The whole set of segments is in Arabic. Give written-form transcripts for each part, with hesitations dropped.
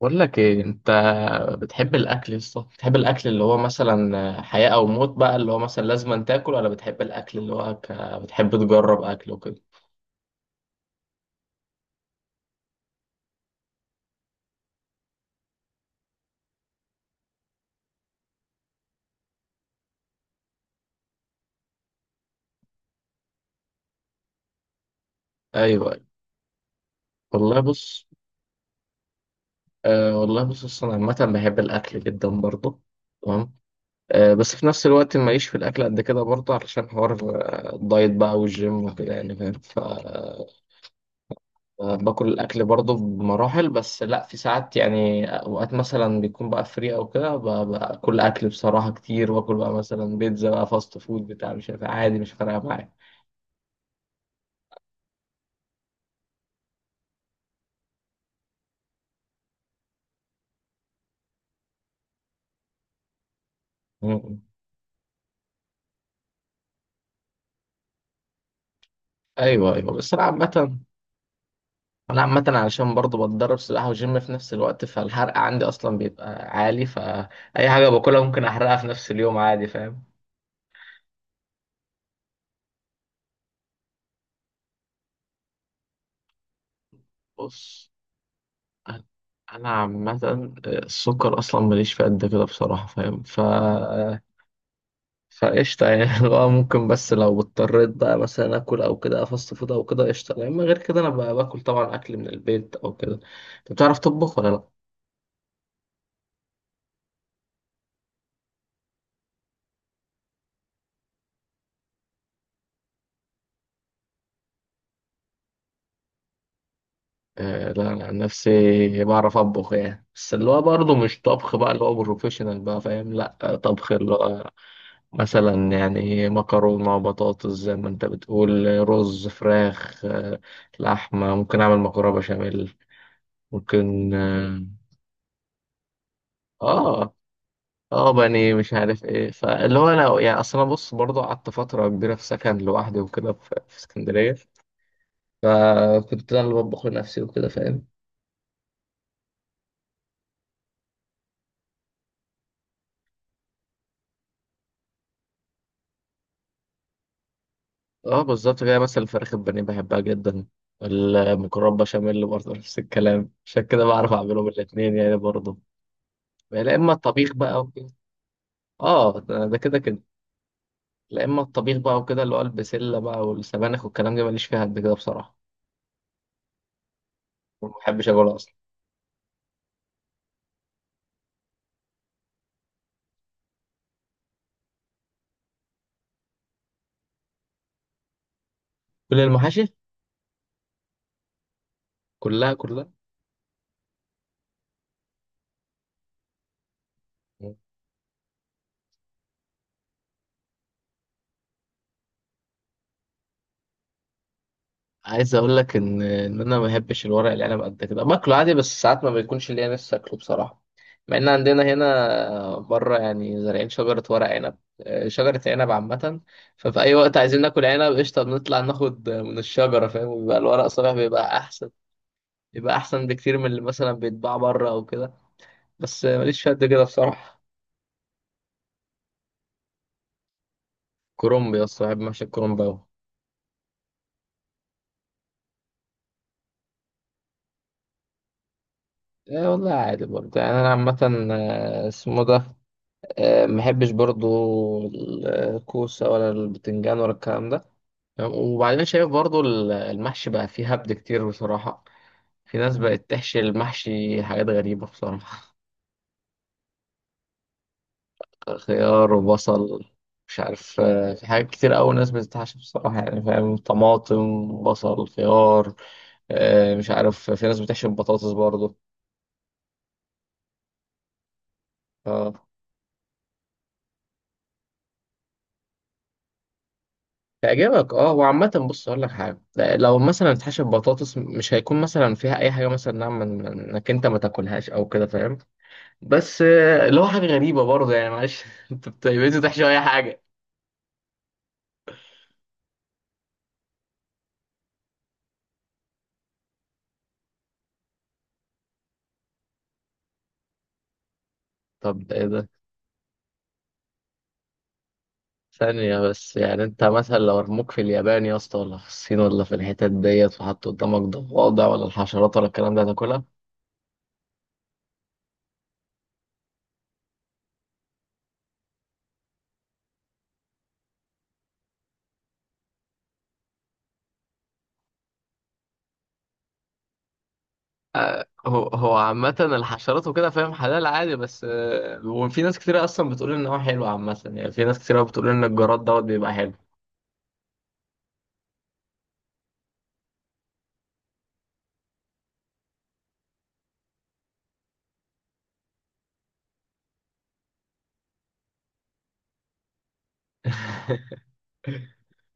بقول لك ايه انت، بتحب الاكل لسه؟ بتحب الاكل اللي هو مثلا حياة او موت بقى اللي هو مثلا لازم أن تاكل، ولا بتحب الاكل اللي هو بتحب تجرب اكل وكده؟ ايوه أيوة. والله بص. آه والله بص، أصل انا عامة بحب الاكل جدا برضه. تمام. آه بس في نفس الوقت ماليش في الاكل قد كده برضه، علشان حوار الدايت بقى والجيم وكده يعني فاهم. باكل الاكل برضه بمراحل، بس لا في ساعات، يعني اوقات مثلا بيكون بقى فري او كده باكل اكل بصراحه كتير، واكل بقى مثلا بيتزا بقى فاست فود بتاع مش عارف إيه، عادي مش فارقه معايا. م- ايوه ايوه بس انا عامه. انا عامه علشان برضه بتدرب سباحه وجيم في نفس الوقت، فالحرق عندي اصلا بيبقى عالي، فاي حاجه باكلها ممكن احرقها في نفس اليوم عادي فاهم. بص، انا أنا عامه، السكر اصلا ماليش فيه قد كده بصراحه فاهم ف فقشطة يعني اللي هو ممكن، بس لو اضطريت بقى مثلا آكل أو كده فاست فود أو كده قشطة، لأن غير كده أنا بقى باكل طبعا أكل من البيت أو كده. أنت بتعرف تطبخ ولا لأ؟ آه لا، أنا عن نفسي بعرف أطبخ يعني، بس اللي هو برضه مش طبخ بقى اللي هو بروفيشنال بقى فاهم. لأ طبخ اللي هو مثلا يعني مكرونة بطاطس زي ما أنت بتقول، رز فراخ، لحمة، ممكن أعمل مكرونة بشاميل ممكن آه. اه بني مش عارف ايه، فاللي هو انا يعني، اصل انا بص برضه قعدت فتره كبيره في سكن لوحدي وكده في اسكندريه، فكنت انا اللي بطبخ لنفسي وكده فاهم. اه بالظبط كده، مثلا الفراخ البانيه بحبها جدا. المكرونه بشاميل برضه نفس الكلام، عشان كده بعرف اعملهم الاثنين يعني برضه. يا اما الطبيخ بقى وكده. اه ده ده كده كده. يا اما الطبيخ بقى وكده اللي هو البسله بقى والسبانخ والكلام ده ماليش فيها قد كده بصراحه، ما بحبش اكلها اصلا. كل المحاشي، كلها كلها. عايز اقول لك ان انا ما بحبش الورق العنب قد كده، باكله عادي بس ساعات ما بيكونش ليا نفسي اكله بصراحه. مع ان عندنا هنا بره يعني زارعين شجره ورق عنب، شجره عنب عامه. ففي اي وقت عايزين ناكل عنب قشطه بنطلع ناخد من الشجره فاهم، وبيبقى الورق صالح بيبقى احسن. بيبقى احسن بكتير من اللي مثلا بيتباع بره او كده، بس ماليش في قد كده بصراحه. كرنب يا اسطى، بحب محشي الكرنب أوي. ايه والله عادي برضه يعني، انا عامة، اسمه ده، محبش برضو الكوسة ولا البتنجان ولا الكلام ده. وبعدين شايف برضو المحشي بقى فيه هبد كتير بصراحة، في ناس بقت تحشي المحشي حاجات غريبة بصراحة. خيار وبصل، مش عارف، في حاجات كتير أوي ناس بتتحشي بصراحة يعني فاهم، طماطم بصل خيار، مش عارف في ناس بتحشي بطاطس برضو. آه. تعجبك، اه هو عامة بص اقول لك حاجة، لو مثلا اتحشى بطاطس مش هيكون مثلا فيها اي حاجة مثلا نعم انك انت ما تاكلهاش او كده فاهم، بس اللي هو حاجة غريبة برضه يعني معلش انت بتعمل تحشي اي حاجة؟ طب ايه ده؟ ثانية بس، يعني انت مثلا لو رموك في اليابان يا اسطى ولا في الصين ولا في الحتت ديت، وحط قدامك ضفادع ولا الحشرات ولا الكلام ده هتاكلها؟ هو عامة الحشرات وكده فاهم حلال عادي، بس وفي ناس كتير اصلا بتقول ان هو حلو، عامة يعني في ناس كتير بتقول ان الجراد دوت بيبقى حلو.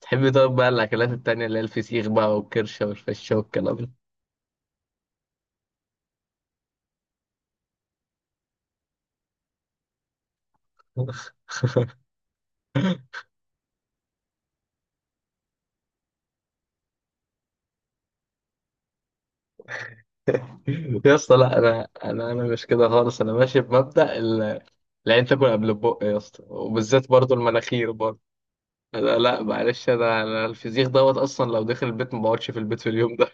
تحبي طيب بقى الأكلات التانية اللي هي الفسيخ بقى والكرشة والفشة والكلام ده؟ يا اسطى لا، أنا مش كده خالص، أنا ماشي بمبدأ العين تاكل قبل البق يا اسطى، وبالذات برضو المناخير برضو. لا لا معلش، أنا الفسيخ دوت أصلا لو دخل البيت ما بقعدش في البيت في اليوم ده.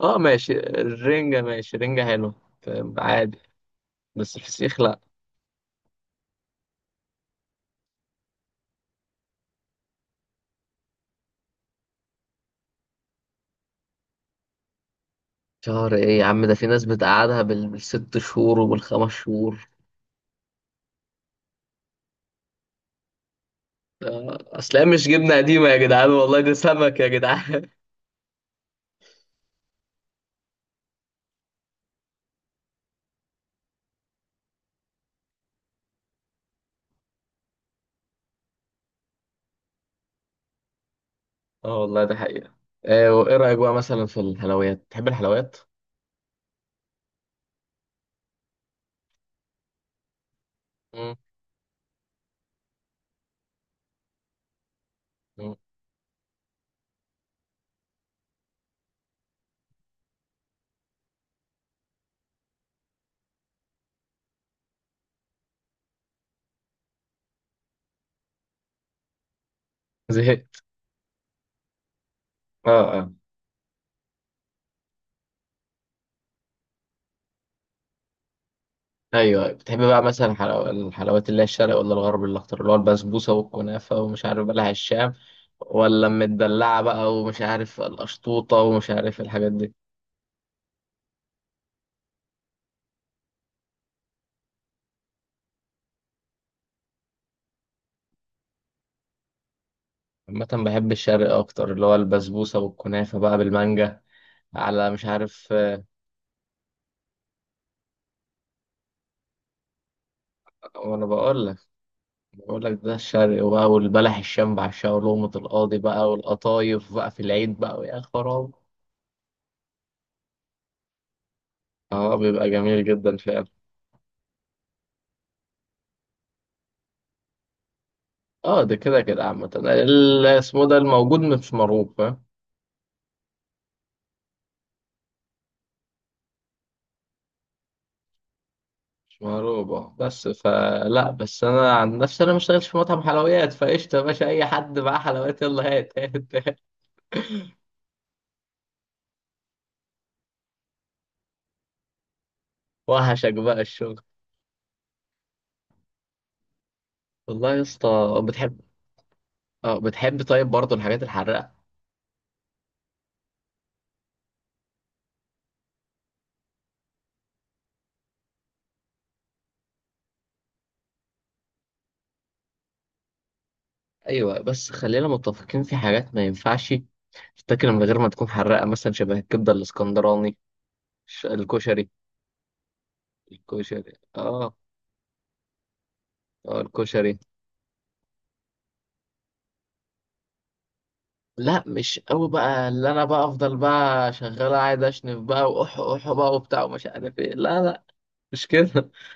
أه ماشي الرنجة، ماشي رنجة حلوة. فاهم؟ عادي. بس الفسيخ لا. شهر إيه يا عم؟ ده في ناس بتقعدها بال6 شهور وبال5 شهور. أصل هي مش جبنة قديمة يا جدعان والله، ده سمك يا جدعان. اه والله ده حقيقة. آه وايه رأيك بقى مثلا في الحلويات؟ تحب الحلويات؟ مم. مم. زهقت. اه اه. ايوه بتحب بقى مثلا الحلويات اللي هي الشرق ولا الغرب؟ اللي اختار اللي هو البسبوسة والكنافة ومش عارف بلح الشام، ولا المدلعة بقى ومش عارف القشطوطة ومش عارف الحاجات دي؟ عامة بحب الشرق اكتر، اللي هو البسبوسة والكنافة بقى بالمانجا، على مش عارف، وانا بقول. بقول لك ده الشرق بقى، والبلح الشام بعشقه ولقمة القاضي بقى والقطايف بقى في العيد بقى يا خراب. اه بيبقى جميل جدا فعلا. اه ده كده كده عامة، اسمه ده الموجود مش مرغوب فاهم. مش مرغوب اه، بس فلا بس انا عن نفسي انا ما اشتغلش في مطعم حلويات فقشطة يا باشا، اي حد معاه حلويات يلا هات هات هات. وحشك بقى الشغل. والله يا اسطى بتحب. اه بتحب طيب برضه الحاجات الحراقة؟ ايوه، بس خلينا متفقين في حاجات ما ينفعش تتاكل من غير ما تكون حراقه، مثلا شبه الكبده الاسكندراني، الكشري. الكشري اه. اه الكشري. لا مش قوي بقى، اللي انا بقى افضل بقى شغال قاعد اشنف بقى واح اح بقى وبتاع ومش عارف ايه، لا لا مش كده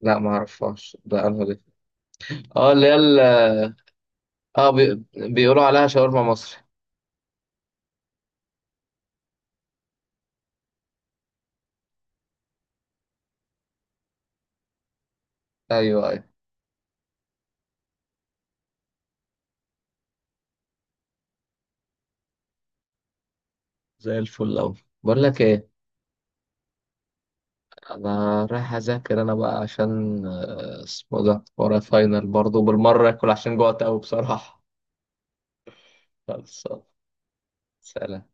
لا ما اعرفهاش ده انا دي. اه اللي هي اه بيقولوا عليها شاورما مصري. ايوه ايوه. زي الفل اوي. بقول لك ايه، انا رايح اذاكر انا بقى عشان اسمه ده ورايا فاينل برضه بالمره، اكل عشان جوعت قوي بصراحه. خلاص. سلام.